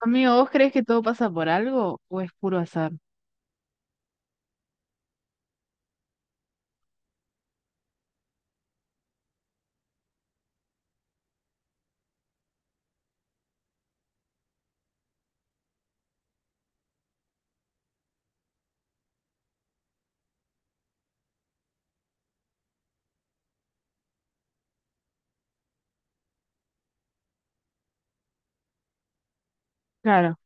Amigo, ¿vos crees que todo pasa por algo o es puro azar? Claro.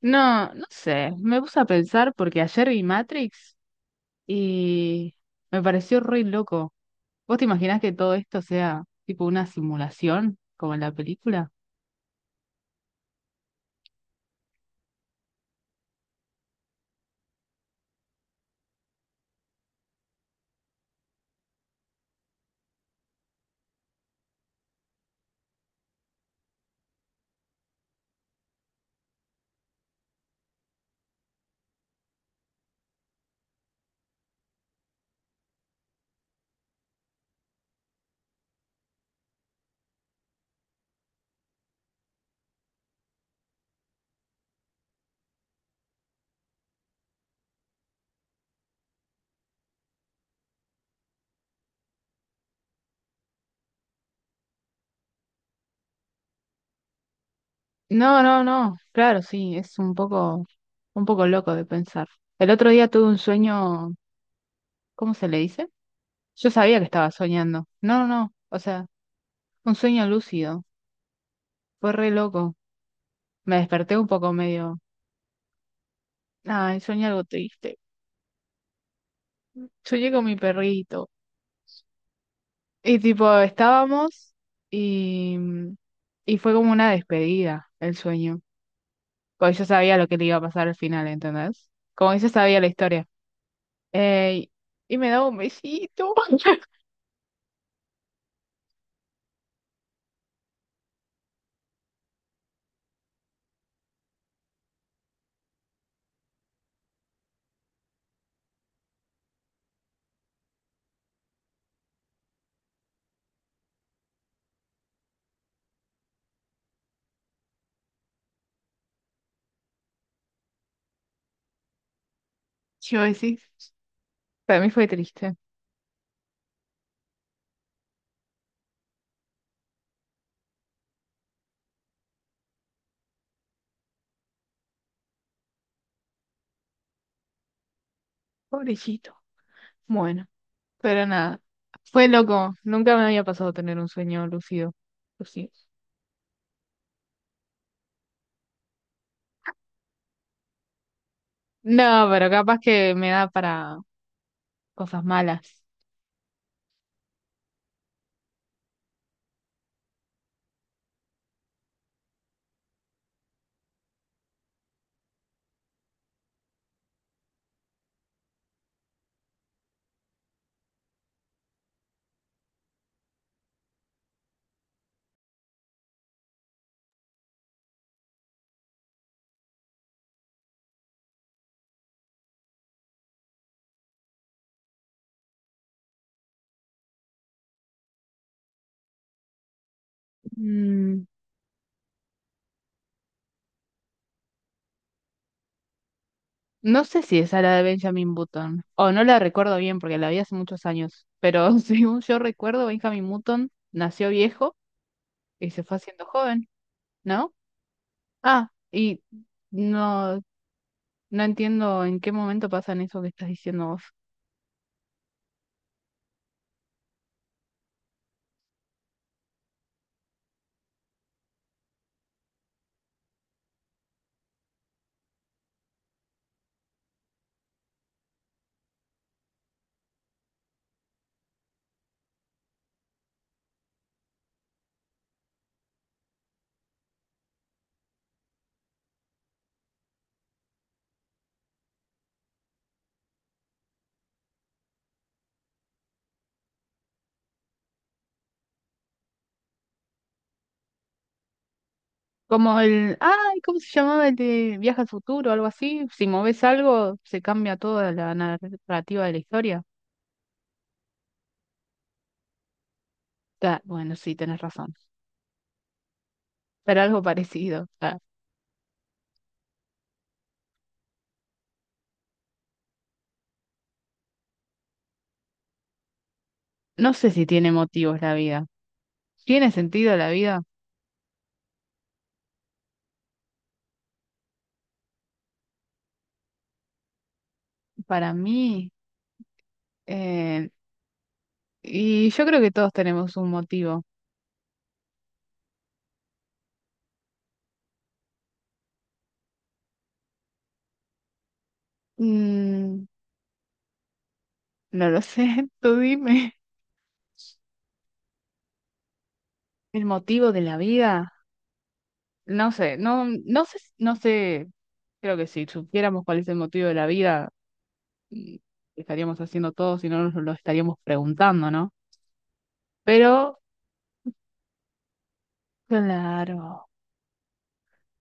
No sé. Me puse a pensar porque ayer vi Matrix y me pareció re loco. ¿Vos te imaginás que todo esto sea tipo una simulación como en la película? No, no, no. Claro, sí, es un poco loco de pensar. El otro día tuve un sueño, ¿cómo se le dice? Yo sabía que estaba soñando. No, no, no. O sea, un sueño lúcido. Fue re loco. Me desperté un poco medio. Ay, soñé algo triste. Soñé con mi perrito. Y tipo, estábamos y, y fue como una despedida el sueño. Porque yo sabía lo que le iba a pasar al final, ¿entendés? Como que yo sabía la historia. Eh, y me daba un besito. Yo decís, para mí fue triste. Pobrecito. Bueno, pero nada. Fue loco. Nunca me había pasado tener un sueño lúcido. Lúcido. No, pero capaz que me da para cosas malas. Mm, No sé si esa era de Benjamin Button, o no la recuerdo bien porque la vi hace muchos años, pero según yo recuerdo, Benjamin Button nació viejo y se fue haciendo joven, ¿no? Ah, y no, no entiendo en qué momento pasan eso que estás diciendo vos. Como el, ay, ¿cómo se llamaba el de Viaje al Futuro o algo así? Si moves algo, se cambia toda la narrativa de la historia. Ah, bueno, sí, tenés razón, pero algo parecido. Ah, no sé si tiene motivos la vida. ¿Tiene sentido la vida? Para mí, eh, y yo creo que todos tenemos un motivo. Mm, no lo sé, tú dime. El motivo de la vida, no sé, no, no sé, no sé, creo que si supiéramos cuál es el motivo de la vida, mm, estaríamos haciendo todo, si no nos lo estaríamos preguntando, ¿no? Pero, claro,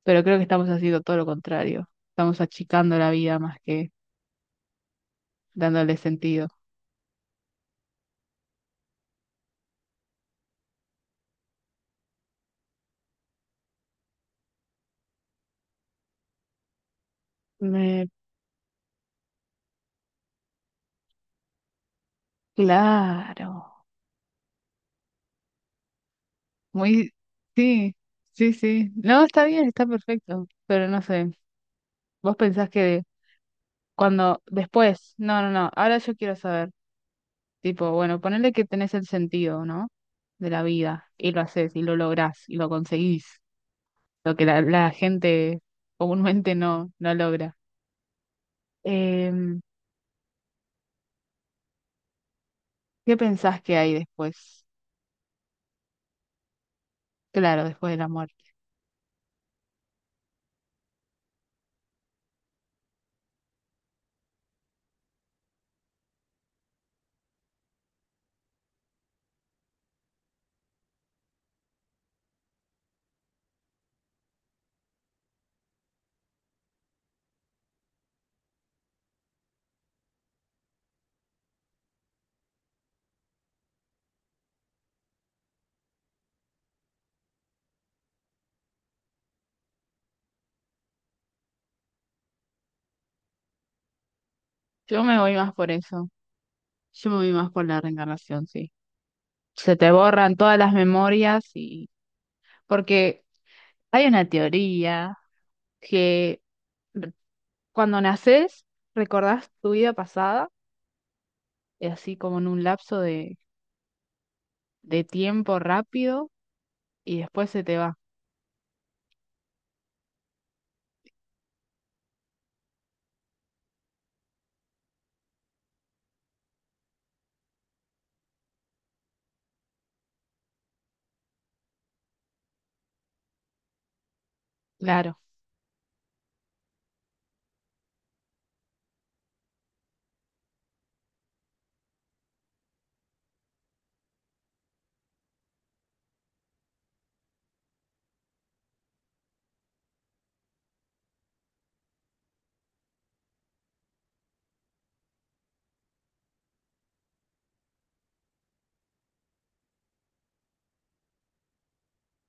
pero creo que estamos haciendo todo lo contrario. Estamos achicando la vida más que dándole sentido. Me, claro. Muy, sí, sí, sí. No, está bien, está perfecto, pero no sé. Vos pensás que cuando, después, no, no, no, ahora yo quiero saber, tipo, bueno, ponele que tenés el sentido, ¿no? De la vida, y lo haces, y lo lográs, y lo conseguís, lo que la gente comúnmente no, no logra. Em, ¿Qué pensás que hay después? Claro, después de la muerte. Yo me voy más por eso, yo me voy más por la reencarnación, sí. Se te borran todas las memorias y... Porque hay una teoría que r- cuando naces recordás tu vida pasada, y así como en un lapso de tiempo rápido, y después se te va. Claro,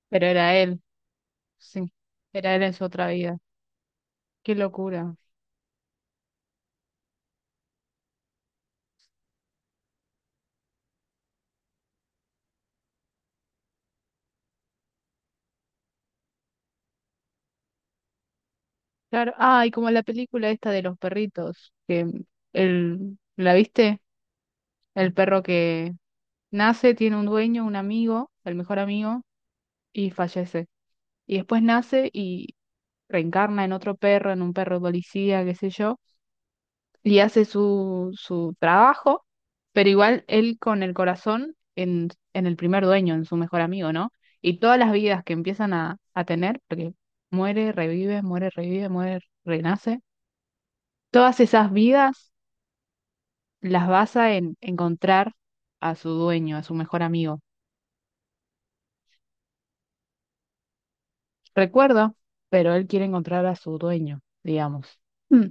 pero era él, sí, era él en su otra vida. Qué locura. Claro, ah, y como la película esta de los perritos, que el, ¿la viste? El perro que nace, tiene un dueño, un amigo, el mejor amigo, y fallece. Y después nace, reencarna en otro perro, en un perro policía, qué sé yo, y hace su, su trabajo, pero igual él con el corazón en el primer dueño, en su mejor amigo, ¿no? Y todas las vidas que empiezan a tener, porque muere, revive, muere, revive, muere, renace, todas esas vidas las basa en encontrar a su dueño, a su mejor amigo. Recuerdo, pero él quiere encontrar a su dueño, digamos. Mm,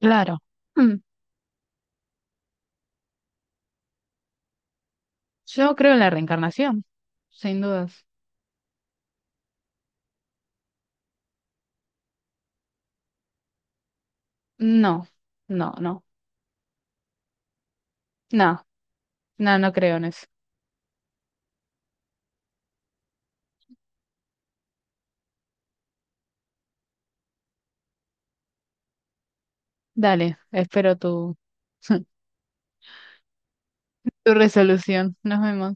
claro. Mm. Yo creo en la reencarnación, sin dudas. No, no, no, no, no, no creo en eso. Dale, espero tu, tu resolución. Nos vemos.